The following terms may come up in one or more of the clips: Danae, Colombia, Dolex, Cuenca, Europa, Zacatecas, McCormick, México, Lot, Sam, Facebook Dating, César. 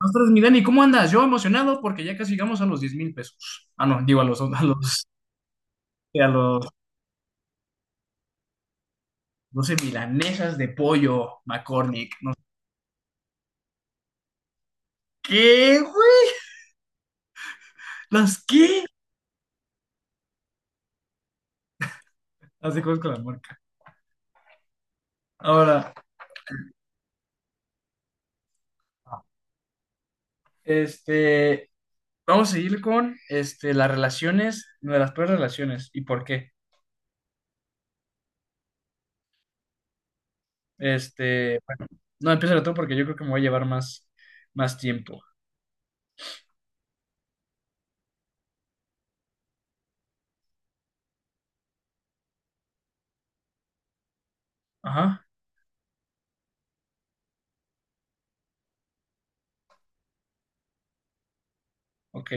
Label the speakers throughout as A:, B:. A: Nosotros, mi Dani, ¿cómo andas? Yo emocionado porque ya casi llegamos a los 10,000 pesos. Ah, no, digo sí, no sé, milanesas de pollo, McCormick. No, sé. ¿Qué, güey? ¿Las qué? Las de con la marca. Ahora, este, vamos a seguir con, las relaciones, de las peores relaciones y por qué. Bueno, no, empieza tú porque yo creo que me voy a llevar más tiempo. Ajá, ok.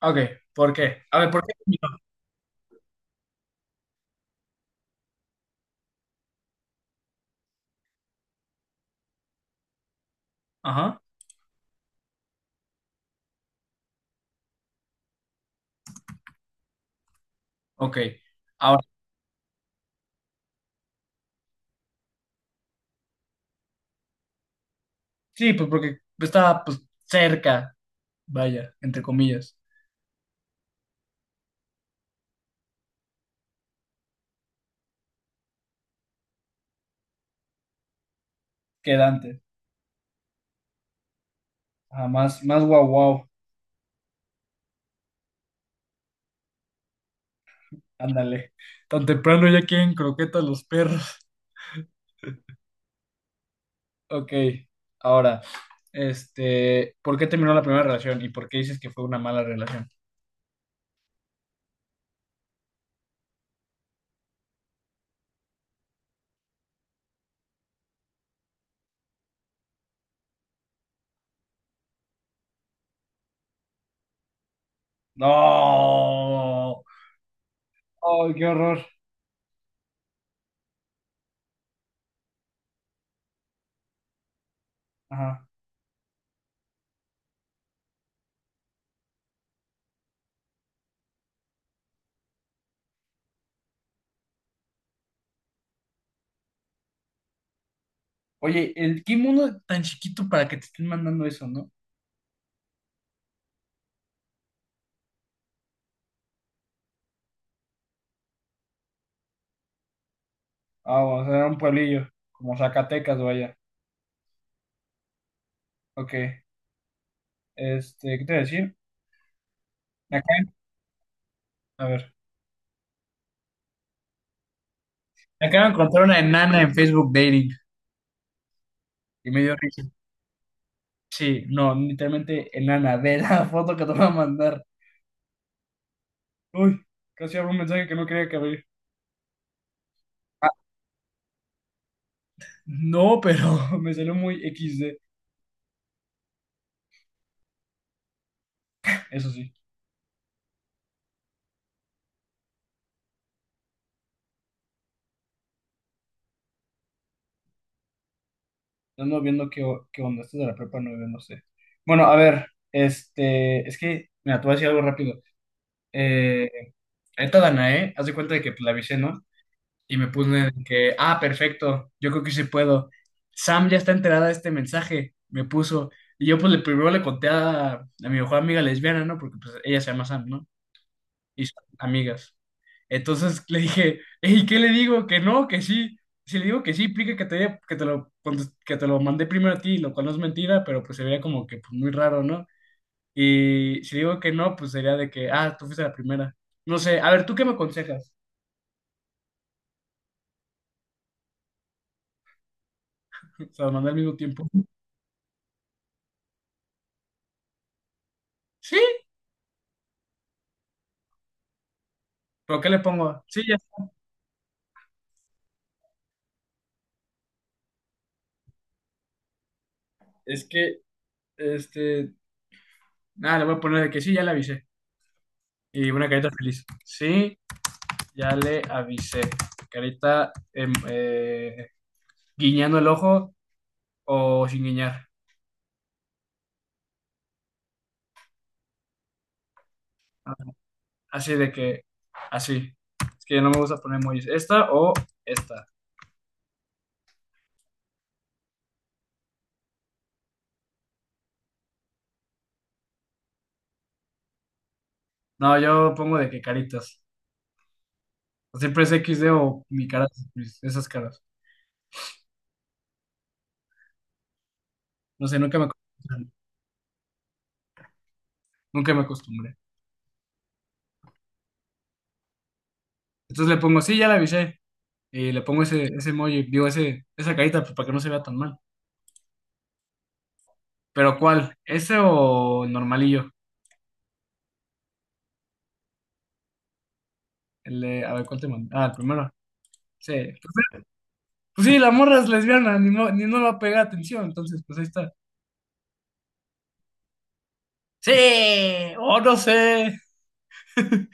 A: Ok, ¿por qué? A ver, ¿por qué? Ajá, ok. Ahora, sí, pues porque estaba pues cerca, vaya, entre comillas, que Dante. Ajá, más guau guau, ándale. Tan temprano ya quieren croquetas los perros. Ok, ahora, ¿por qué terminó la primera relación y por qué dices que fue una mala relación? No, ¡ay, qué horror! Ajá. Oye, el, ¿qué mundo tan chiquito para que te estén mandando eso, no? Ah, vamos a era un pueblillo, como Zacatecas, vaya. Ok, ¿qué te voy a decir? Acá, a ver. Me acabo de encontrar una enana en Facebook Dating y me dio risa. Sí, no, literalmente enana, ve la foto que te voy a mandar. Uy, casi abro un mensaje que no quería que abrir. Ah, no, pero me salió muy equis de. Eso sí, ando viendo qué onda. Esto de la prepa 9, no sé. Bueno, a ver, es que, mira, te voy a decir algo rápido. Eh, esta Danae, haz de cuenta de que pues, la avisé, ¿no? Y me puse de que, ah, perfecto, yo creo que sí puedo. Sam ya está enterada de este mensaje, me puso. Y yo pues le primero le conté a mi mejor amiga lesbiana, ¿no? Porque pues ella se llama Sam, ¿no? Y son amigas. Entonces le dije, ¿y ¿qué le digo? Que no, que sí. Si le digo que sí, implica que te que te lo mandé primero a ti, lo cual no es mentira, pero pues sería como que pues, muy raro, ¿no? Y si le digo que no, pues sería de que, ah, tú fuiste la primera. No sé, a ver, ¿tú qué me aconsejas? Se lo mandé al mismo tiempo. Sí. ¿Pero qué le pongo? Sí, ya. Es que, este, nada, le voy a poner de que sí, ya le avisé. Y una carita feliz. Sí, ya le avisé. Carita guiñando el ojo o sin guiñar. Así de que, así. Es que no me gusta poner emojis. ¿Esta o esta? No, yo pongo de que caritas. Siempre es equis de o mi cara, pues, esas caras. No sé, nunca me acostumbré. Nunca me acostumbré. Entonces le pongo, sí, ya le avisé. Y le pongo ese emoji, digo, ese, esa carita pues, para que no se vea tan mal. Pero ¿cuál? ¿Ese o normalillo? A ver, ¿cuál te mandé? Ah, el primero. Sí. Pues, pues sí, la morra es lesbiana, ni no le va a pegar atención, entonces pues ahí está. Sí, o no sé.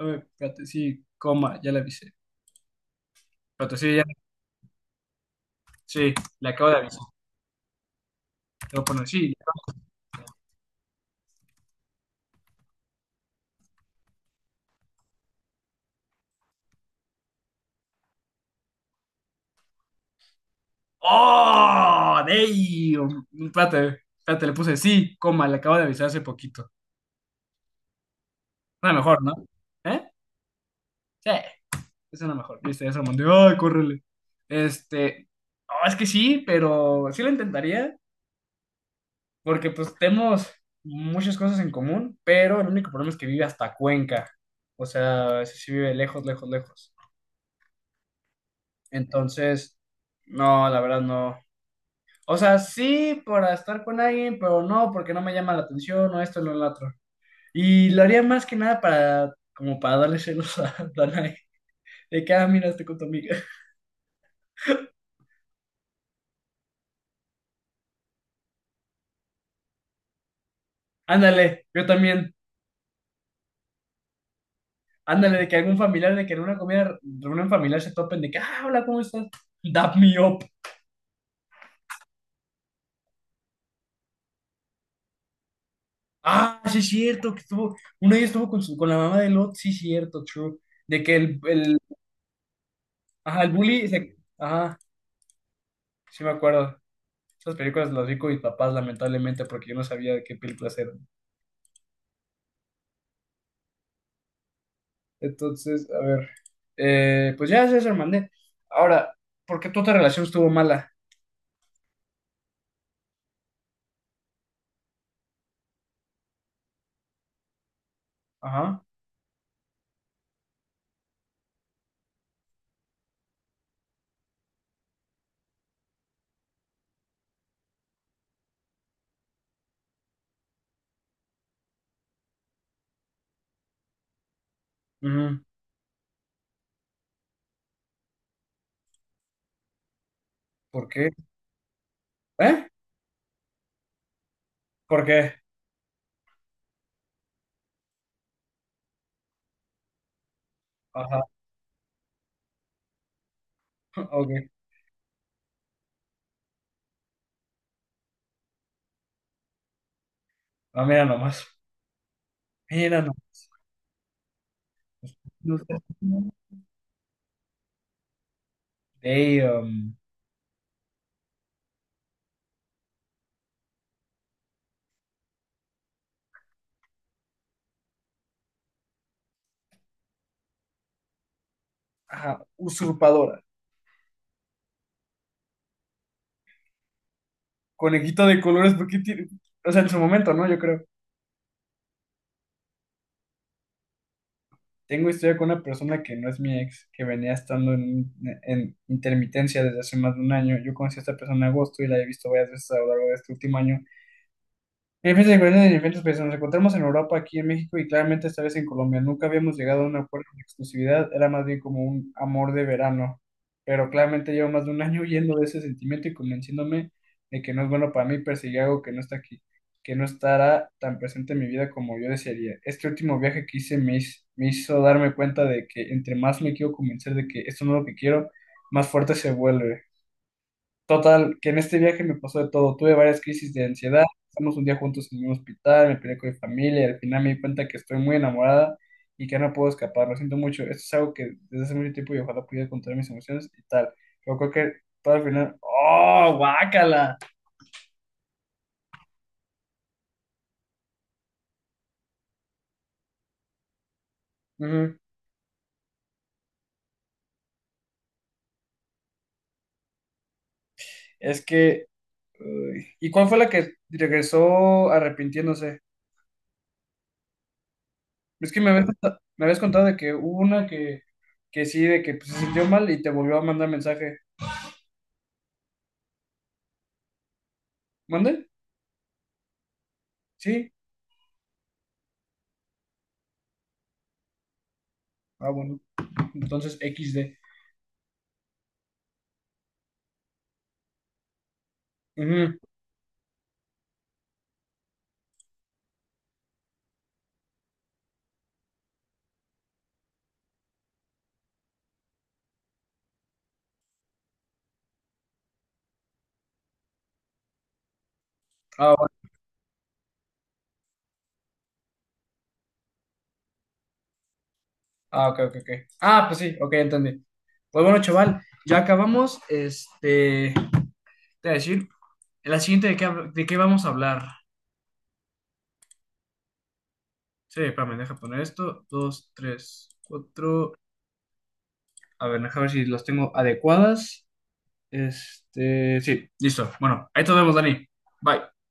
A: A ver, espérate, sí, coma, ya le avisé. Espérate, sí, ya, sí, le acabo de avisar. Te voy a poner sí. ¡Oh! ¡Damn! Espérate, espérate, le puse sí, coma, le acabo de avisar hace poquito. No, mejor, ¿no? ¿Eh? Sí. Esa es la mejor. Viste, esa mandé. ¡Ay, córrele! Este. No, es que sí, pero sí lo intentaría. Porque pues tenemos muchas cosas en común. Pero el único problema es que vive hasta Cuenca. O sea, ese sí vive lejos, lejos, lejos. Entonces, no, la verdad no. O sea, sí para estar con alguien, pero no porque no me llama la atención o esto o lo otro. Y lo haría más que nada como para darle celos a Danae. De que, ah, mira, estoy con tu amiga. Ándale, yo también. Ándale, de que algún familiar, de que en una comida, reunión familiar se topen, de que, ah, hola, ¿cómo estás? Dap me up. Ah, sí es cierto, que estuvo, uno de ellos estuvo con, su, con la mamá de Lot, sí es cierto, true. De que el, ajá, ajá, sí me acuerdo. Esas películas las vi con mis papás, lamentablemente, porque yo no sabía de qué películas eran. Entonces, a ver, pues ya, César, mandé. Ahora, ¿por qué tu otra relación estuvo mala? Ajá, ujú, ¿por qué? ¿Eh? ¿Por qué? Ajá, ok, ah, mira nomás. Era una blusa de ajá, usurpadora. Conejito de colores, porque tiene. O sea, en su momento, ¿no? Yo creo. Tengo historia con una persona que no es mi ex, que venía estando en intermitencia desde hace más de un año. Yo conocí a esta persona en agosto y la he visto varias veces a lo largo de este último año. Hay diferentes diferencias en diferentes países. Nos encontramos en Europa, aquí en México y claramente esta vez en Colombia. Nunca habíamos llegado a un acuerdo de exclusividad, era más bien como un amor de verano. Pero claramente llevo más de un año huyendo de ese sentimiento y convenciéndome de que no es bueno para mí perseguir algo que no está aquí, que no estará tan presente en mi vida como yo desearía. Este último viaje que hice me hizo darme cuenta de que entre más me quiero convencer de que esto no es lo que quiero, más fuerte se vuelve. Total, que en este viaje me pasó de todo. Tuve varias crisis de ansiedad. Estamos un día juntos en un hospital, me peleé con mi familia y al final me di cuenta que estoy muy enamorada y que no puedo escapar. Lo siento mucho. Esto es algo que desde hace mucho tiempo y ojalá pudiera contar mis emociones y tal. Pero creo que todo al final. ¡Oh, guácala! Ujú. Es que. Uy. ¿Y cuál fue la que regresó arrepintiéndose? Es que me habías contado de que hubo una que sí, de que pues, se sintió mal y te volvió a mandar mensaje. ¿Mande? Sí. Ah, bueno. Entonces, XD. Ujú. Ah, bueno. Ah, ok, ok, ok. Ah, pues sí, ok, entendí. Pues bueno, chaval, ya acabamos. Este, te voy a decir, en la siguiente de qué vamos a hablar. Sí, espérame, deja poner esto. Dos, tres, cuatro. A ver, deja ver si las tengo adecuadas. Este, sí, listo. Bueno, ahí te vemos, Dani. Bye.